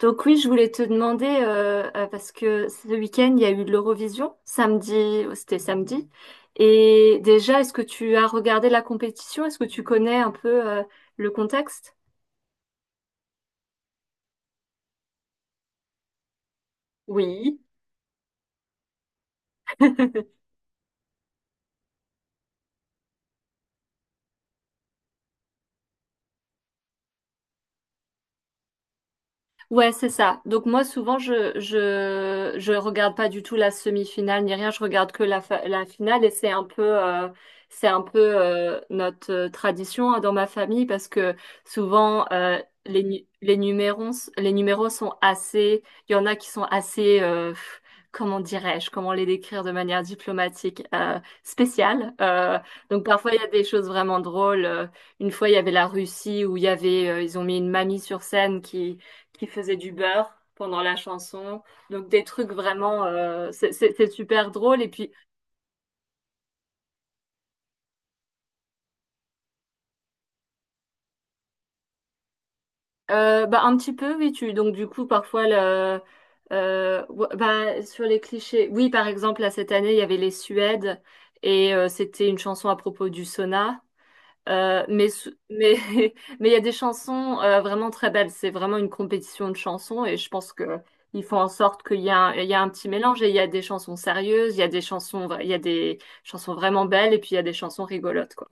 Donc oui, je voulais te demander, parce que ce week-end, il y a eu de l'Eurovision, samedi, c'était samedi. Et déjà, est-ce que tu as regardé la compétition? Est-ce que tu connais un peu, le contexte? Oui. Ouais, c'est ça. Donc moi, souvent, je regarde pas du tout la semi-finale ni rien. Je regarde que la finale, et c'est un peu notre tradition, hein, dans ma famille, parce que souvent, les nu- les numéros les numéros sont assez. Il y en a qui sont assez, comment dirais-je, comment les décrire de manière diplomatique, spéciale. Donc parfois il y a des choses vraiment drôles. Une fois, il y avait la Russie où il y avait, ils ont mis une mamie sur scène qui faisait du beurre pendant la chanson. Donc des trucs vraiment, c'est super drôle. Et puis, bah, un petit peu, oui, donc du coup, parfois, ouais, bah, sur les clichés, oui, par exemple, là, cette année, il y avait les Suèdes, et, c'était une chanson à propos du sauna. Mais mais il y a des chansons, vraiment très belles. C'est vraiment une compétition de chansons, et je pense que ils font en sorte qu'il y a un petit mélange, et il y a des chansons sérieuses, il y a des chansons vra- il y a des chansons vraiment belles, et puis il y a des chansons rigolotes, quoi.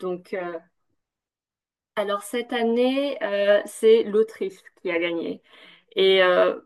Donc, alors cette année, c'est l'Autriche qui a gagné. Et,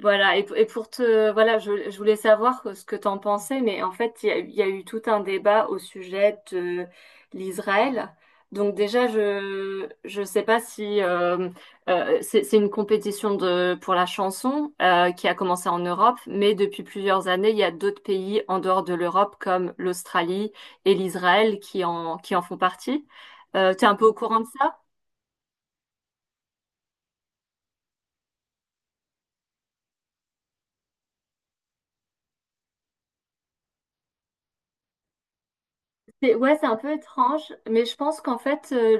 voilà, pour voilà, je voulais savoir ce que tu en pensais, mais en fait, il y a eu tout un débat au sujet de l'Israël. Donc déjà, je sais pas si, c'est une compétition de pour la chanson, qui a commencé en Europe, mais depuis plusieurs années, il y a d'autres pays en dehors de l'Europe comme l'Australie et l'Israël qui en font partie. T'es un peu au courant de ça? Ouais, c'est un peu étrange, mais je pense qu'en fait, euh,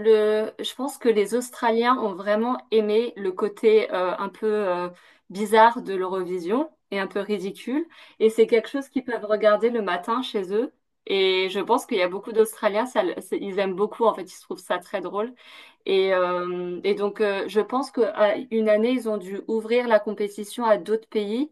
le, je pense que les Australiens ont vraiment aimé le côté, un peu, bizarre de l'Eurovision et un peu ridicule. Et c'est quelque chose qu'ils peuvent regarder le matin chez eux. Et je pense qu'il y a beaucoup d'Australiens, ils aiment beaucoup, en fait, ils trouvent ça très drôle. Et donc, je pense qu'à une année, ils ont dû ouvrir la compétition à d'autres pays,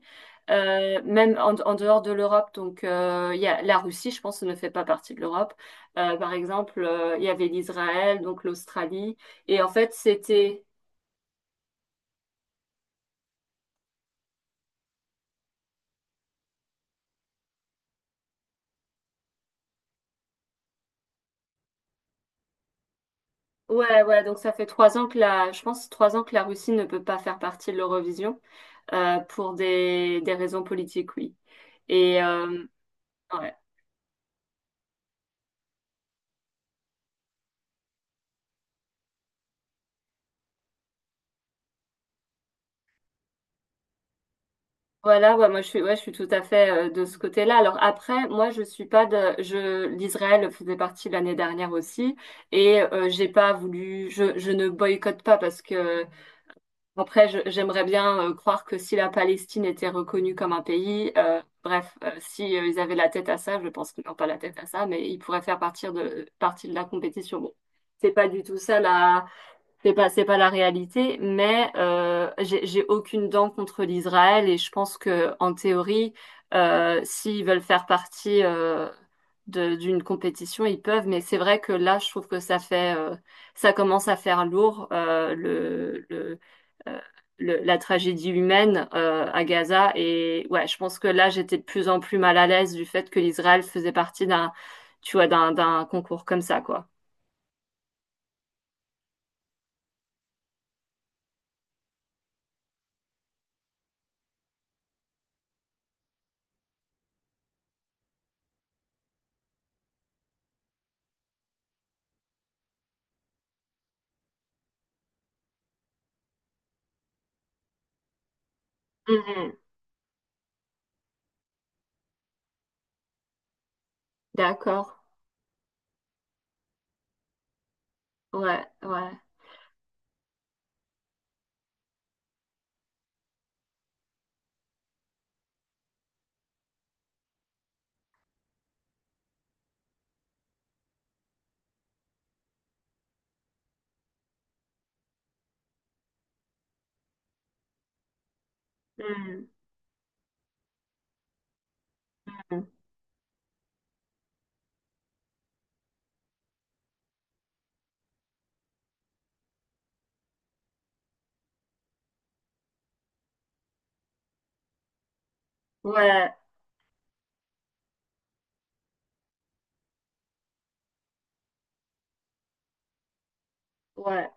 même en dehors de l'Europe. Donc, il y a, la Russie, je pense, ne fait pas partie de l'Europe. Par exemple, il y avait l'Israël, donc l'Australie. Et en fait, c'était... Ouais, ouais, donc ça fait trois ans que la... Je pense 3 ans que la Russie ne peut pas faire partie de l'Eurovision, pour des raisons politiques, oui. Et, ouais. Voilà, ouais, moi ouais, je suis tout à fait, de ce côté-là. Alors après, moi je suis pas de, je, l'Israël faisait partie l'année dernière aussi, et, j'ai pas voulu, je ne boycotte pas, parce que après, j'aimerais bien, croire que si la Palestine était reconnue comme un pays, bref, si, ils avaient la tête à ça, je pense qu'ils n'ont pas la tête à ça, mais ils pourraient faire partie de la compétition. Bon, c'est pas du tout ça, c'est pas la réalité, mais j'ai aucune dent contre l'Israël, et je pense que en théorie, s'ils veulent faire partie, d'une compétition, ils peuvent. Mais c'est vrai que là, je trouve que ça commence à faire lourd, euh, la tragédie humaine, à Gaza. Et ouais, je pense que là, j'étais de plus en plus mal à l'aise du fait que l'Israël faisait partie tu vois, d'un concours comme ça, quoi. Mhm. D'accord. Ouais, ouais. Hmm. Hmm. Ouais, ouais,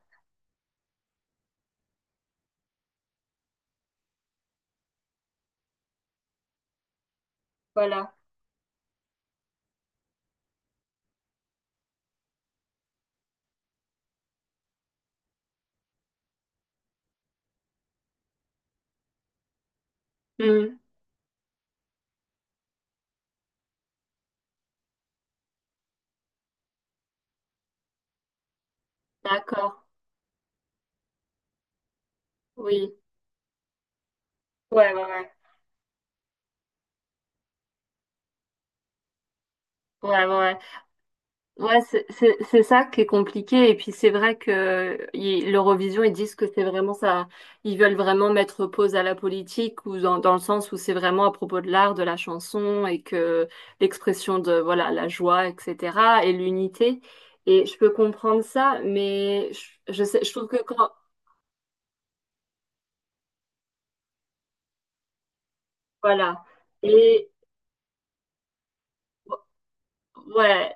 voilà. Hmm. D'accord, oui. Ouais, ouais, ouais. Ouais, ouais. Ouais, ouais, c'est ça qui est compliqué. Et puis c'est vrai que l'Eurovision, ils disent que c'est vraiment ça, hein. Ils veulent vraiment mettre pause à la politique, ou dans, dans le sens où c'est vraiment à propos de l'art, de la chanson, et que l'expression de voilà la joie, etc. et l'unité. Et je peux comprendre ça, mais je sais, je trouve que quand voilà. Ouais.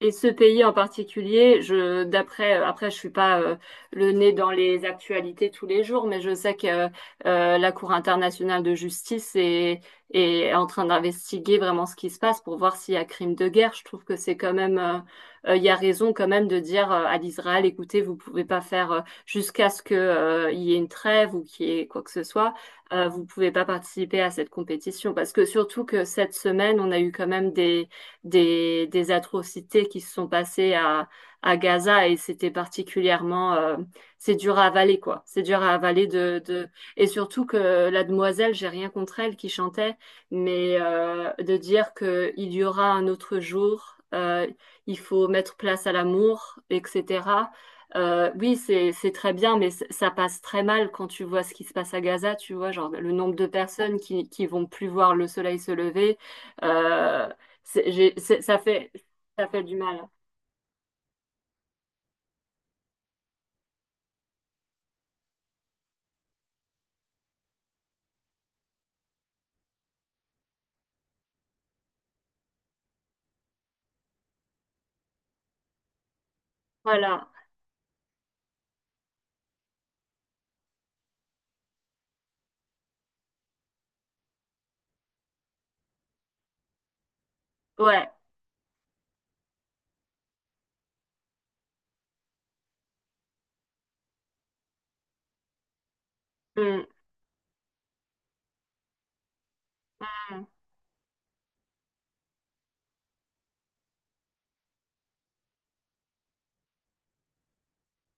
Et ce pays en particulier, je d'après, après je suis pas, le nez dans les actualités tous les jours, mais je sais que, la Cour internationale de justice est en train d'investiguer vraiment ce qui se passe pour voir s'il y a crime de guerre. Je trouve que c'est quand même, il y a raison quand même de dire, à l'Israël, écoutez, vous pouvez pas faire, jusqu'à ce que, il y ait une trêve ou qu'il y ait quoi que ce soit, vous pouvez pas participer à cette compétition, parce que surtout que cette semaine, on a eu quand même des atrocités qui se sont passées à, Gaza, et c'était particulièrement, c'est dur à avaler, quoi, c'est dur à avaler de et surtout que la demoiselle, j'ai rien contre elle qui chantait, mais, de dire que il y aura un autre jour, il faut mettre place à l'amour, etc. Oui, c'est très bien, mais ça passe très mal quand tu vois ce qui se passe à Gaza. Tu vois, genre le nombre de personnes qui vont plus voir le soleil se lever, euh, c'est- j'ai- c'est- ça fait, ça fait du mal. Voilà. Ouais. Mm. Mm.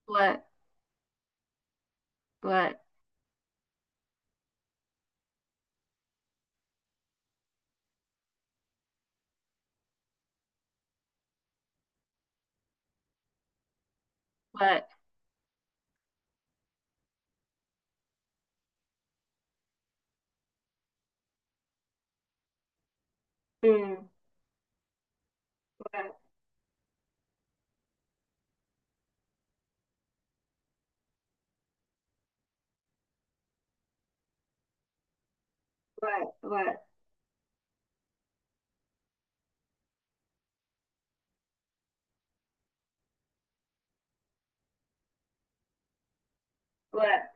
Ouais. Ouais. Ouais. Mm. Ouais. Ouais. Ouais. Ouais.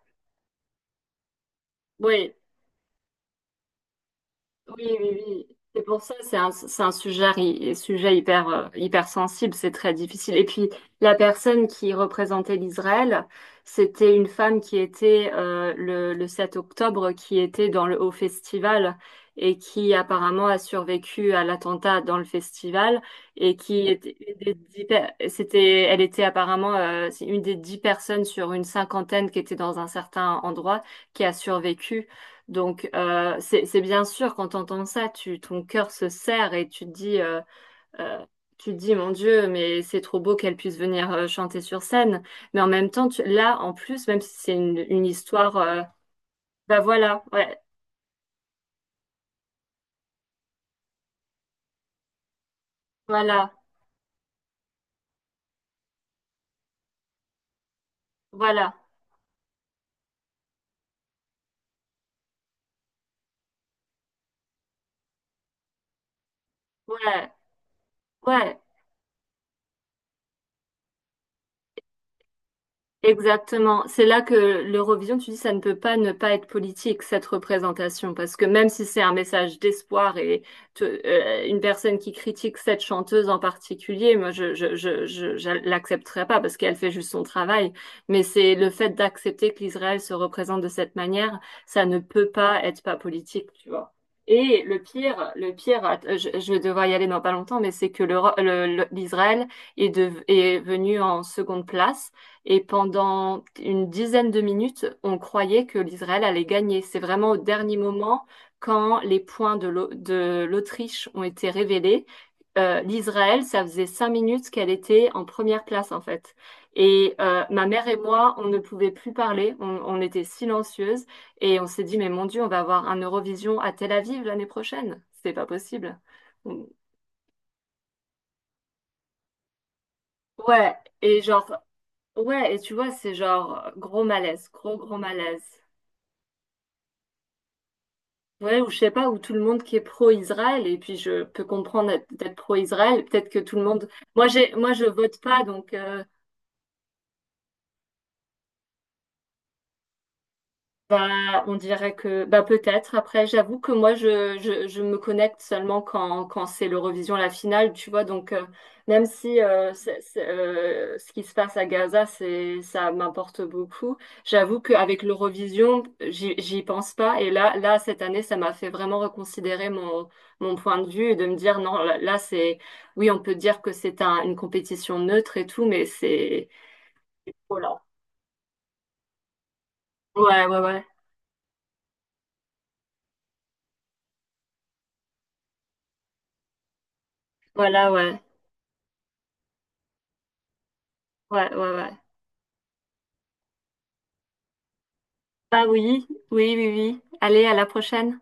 Oui. Oui, oui, oui. C'est pour ça, c'est un sujet, sujet hyper, hyper sensible, c'est très difficile. Et puis, la personne qui représentait l'Israël, c'était une femme qui était, le 7 octobre, qui était dans le Haut Festival, et qui apparemment a survécu à l'attentat dans le festival, et qui était une des dix, elle était apparemment, c'est une des 10 personnes sur une cinquantaine qui était dans un certain endroit qui a survécu. Donc, c'est bien sûr, quand tu entends ça, tu, ton cœur se serre et euh, tu te dis, mon Dieu, mais c'est trop beau qu'elle puisse venir chanter sur scène. Mais en même temps, là, en plus, même si c'est une histoire, bah voilà, ouais, voilà, voilà, ouais, ouais. Exactement. C'est là que l'Eurovision, tu dis, ça ne peut pas ne pas être politique, cette représentation, parce que même si c'est un message d'espoir et, une personne qui critique cette chanteuse en particulier, moi, je l'accepterai pas, parce qu'elle fait juste son travail. Mais c'est le fait d'accepter que l'Israël se représente de cette manière, ça ne peut pas être pas politique, tu vois. Et le pire, je vais devoir y aller dans pas longtemps, mais c'est que l'Israël est venu en seconde place, et pendant une dizaine de minutes, on croyait que l'Israël allait gagner. C'est vraiment au dernier moment, quand les points de l'Autriche ont été révélés, l'Israël, ça faisait 5 minutes qu'elle était en première place, en fait. Et, ma mère et moi, on ne pouvait plus parler, on était silencieuses, et on s'est dit, mais mon Dieu, on va avoir un Eurovision à Tel Aviv l'année prochaine. C'est pas possible. Ouais, et genre, ouais, et tu vois, c'est genre gros malaise, gros gros malaise. Ouais, ou je sais pas, ou tout le monde qui est pro-Israël, et puis je peux comprendre d'être pro-Israël, peut-être que tout le monde... Moi, je vote pas, donc, bah, on dirait que bah peut-être. Après, j'avoue que moi, je me connecte seulement quand c'est l'Eurovision, la finale, tu vois. Donc, même si, c'est, ce qui se passe à Gaza, c'est, ça m'importe beaucoup. J'avoue qu'avec l'Eurovision, j'y pense pas. Et là, là, cette année, ça m'a fait vraiment reconsidérer mon point de vue, et de me dire, non, là, là, oui, on peut dire que c'est une compétition neutre et tout, mais voilà. Ouais, ouais, ouais. Voilà, ouais. Ouais, ouais, ouais. Bah oui, oui, oui, oui. Allez, à la prochaine.